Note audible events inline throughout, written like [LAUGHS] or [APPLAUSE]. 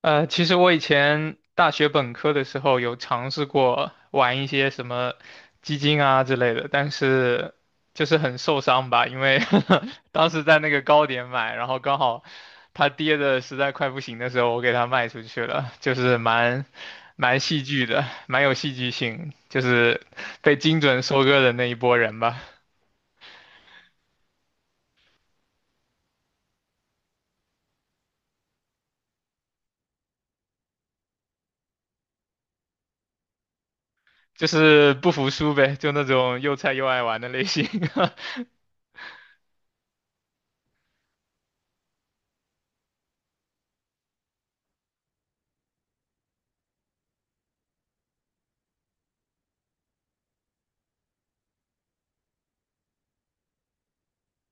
其实我以前大学本科的时候有尝试过玩一些什么基金啊之类的，但是就是很受伤吧，因为 [LAUGHS] 当时在那个高点买，然后刚好它跌的实在快不行的时候，我给它卖出去了，就是蛮戏剧的，蛮有戏剧性，就是被精准收割的那一波人吧，就是不服输呗，就那种又菜又爱玩的类型。[LAUGHS]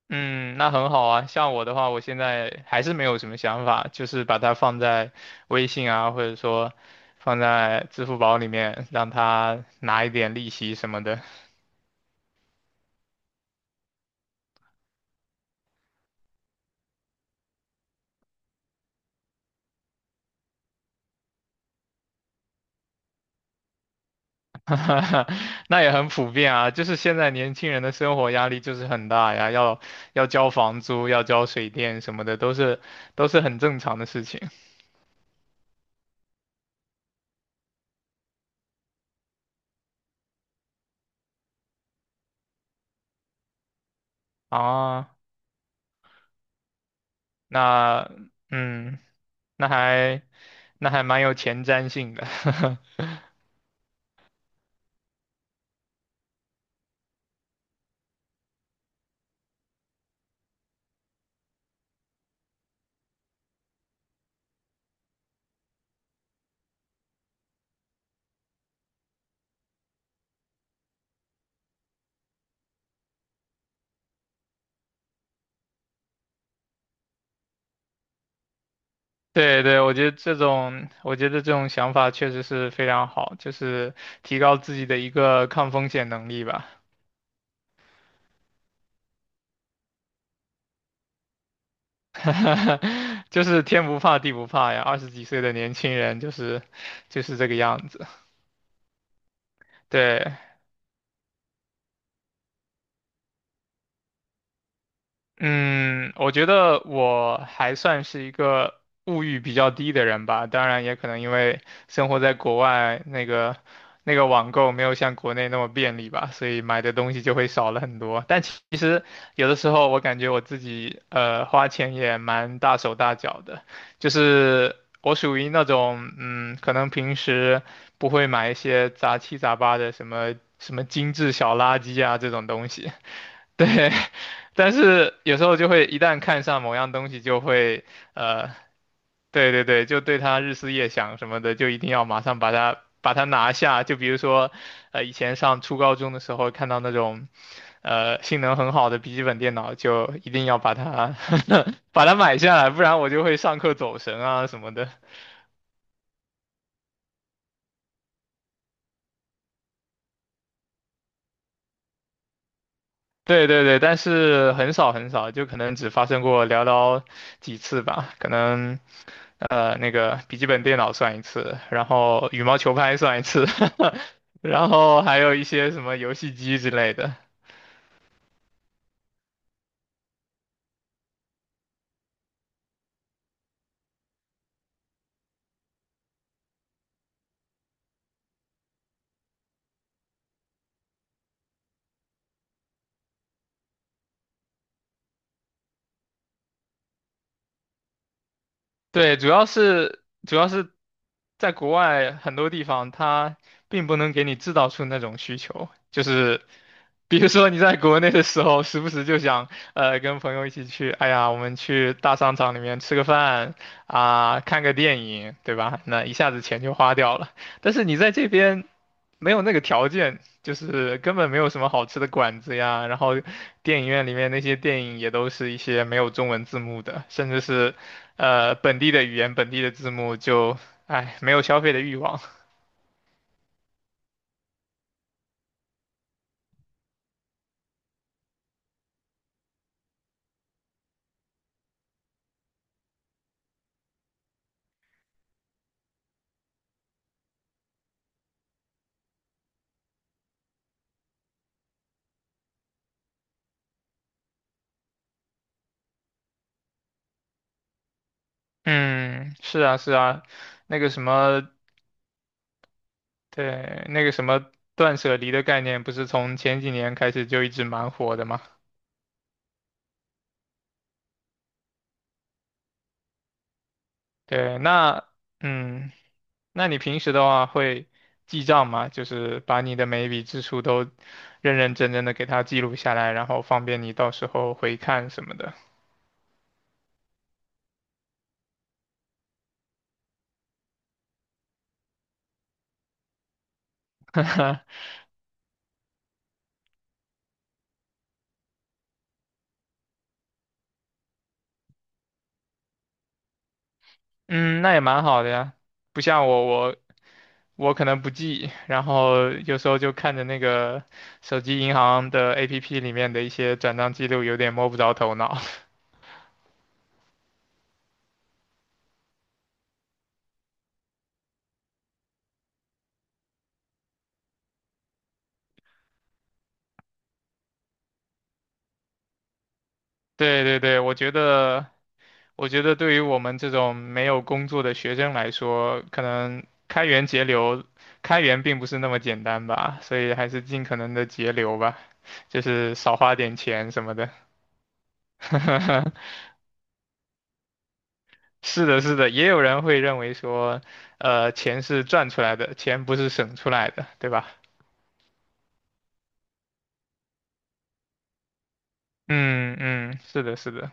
嗯，那很好啊。像我的话，我现在还是没有什么想法，就是把它放在微信啊，或者说放在支付宝里面，让它拿一点利息什么的。[LAUGHS] 那也很普遍啊，就是现在年轻人的生活压力就是很大呀，要交房租，要交水电什么的，都是很正常的事情啊。那嗯，那还那还蛮有前瞻性的。[LAUGHS] 对对，我觉得这种想法确实是非常好，就是提高自己的一个抗风险能力吧。[LAUGHS] 就是天不怕地不怕呀，二十几岁的年轻人就是这个样子。对，嗯，我觉得我还算是一个物欲比较低的人吧，当然也可能因为生活在国外，那个网购没有像国内那么便利吧，所以买的东西就会少了很多。但其实有的时候我感觉我自己花钱也蛮大手大脚的，就是我属于那种嗯，可能平时不会买一些杂七杂八的什么什么精致小垃圾啊这种东西。对，[LAUGHS] 但是有时候就会一旦看上某样东西，就会呃，对对对，就对它日思夜想什么的，就一定要马上把它拿下。就比如说，以前上初高中的时候看到那种性能很好的笔记本电脑，就一定要把它 [LAUGHS] 把它买下来，不然我就会上课走神啊什么的。对对对，但是很少很少，就可能只发生过寥寥几次吧，可能。那个笔记本电脑算一次，然后羽毛球拍算一次，[LAUGHS] 然后还有一些什么游戏机之类的。对，主要是在国外很多地方，它并不能给你制造出那种需求，就是比如说你在国内的时候，时不时就想，跟朋友一起去，哎呀，我们去大商场里面吃个饭啊，看个电影，对吧？那一下子钱就花掉了。但是你在这边没有那个条件，就是根本没有什么好吃的馆子呀，然后电影院里面那些电影也都是一些没有中文字幕的，甚至是。呃本地的语言、本地的字幕就，哎，没有消费的欲望。[LAUGHS] 嗯，是啊，是啊，那个什么，对，那个什么断舍离的概念，不是从前几年开始就一直蛮火的嘛？对，那，嗯，那你平时的话会记账吗？就是把你的每一笔支出都认认真真的给它记录下来，然后方便你到时候回看什么的。[LAUGHS] 嗯，那也蛮好的呀。不像我，我可能不记，然后有时候就看着那个手机银行的 APP 里面的一些转账记录，有点摸不着头脑。[LAUGHS] 对对对，我觉得对于我们这种没有工作的学生来说，可能开源节流，开源并不是那么简单吧，所以还是尽可能的节流吧，就是少花点钱什么的。[LAUGHS] 是的，是的，也有人会认为说，钱是赚出来的，钱不是省出来的，对吧？嗯嗯，是的，是的，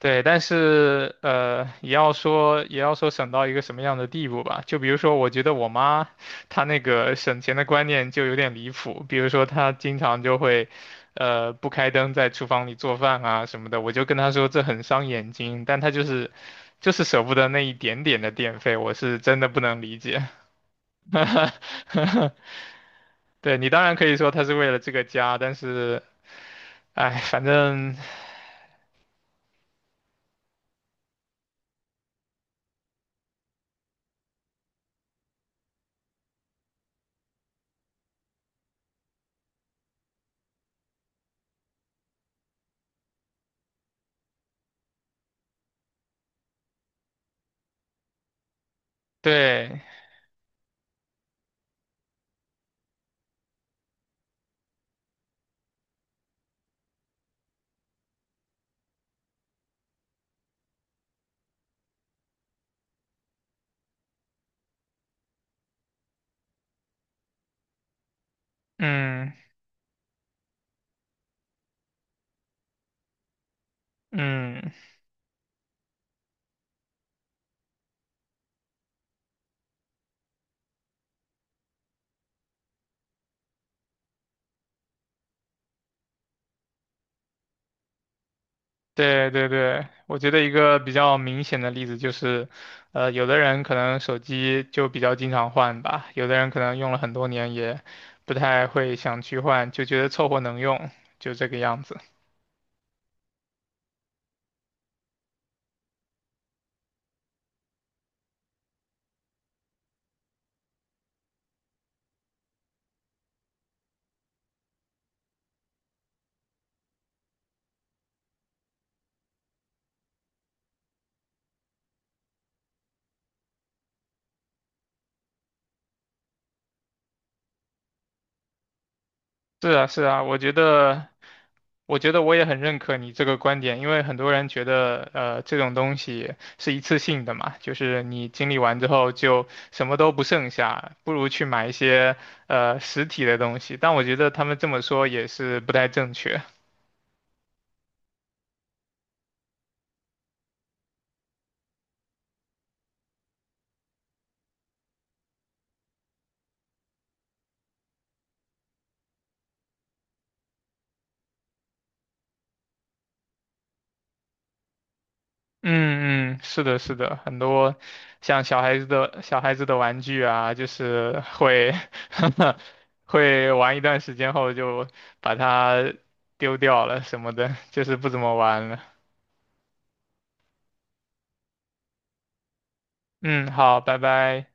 对，但是也要说省到一个什么样的地步吧。就比如说，我觉得我妈她那个省钱的观念就有点离谱，比如说她经常就会，不开灯在厨房里做饭啊什么的，我就跟她说这很伤眼睛，但她就是舍不得那一点点的电费，我是真的不能理解。[LAUGHS] 对，你当然可以说她是为了这个家，但是。哎，反正对，嗯嗯，对对对，我觉得一个比较明显的例子就是，有的人可能手机就比较经常换吧，有的人可能用了很多年也不太会想去换，就觉得凑合能用，就这个样子。是啊，是啊，我觉得我也很认可你这个观点，因为很多人觉得，这种东西是一次性的嘛，就是你经历完之后就什么都不剩下，不如去买一些实体的东西。但我觉得他们这么说也是不太正确。嗯嗯，是的，是的，很多像小孩子的玩具啊，就是会 [LAUGHS] 会玩一段时间后就把它丢掉了什么的，就是不怎么玩了。嗯，好，拜拜。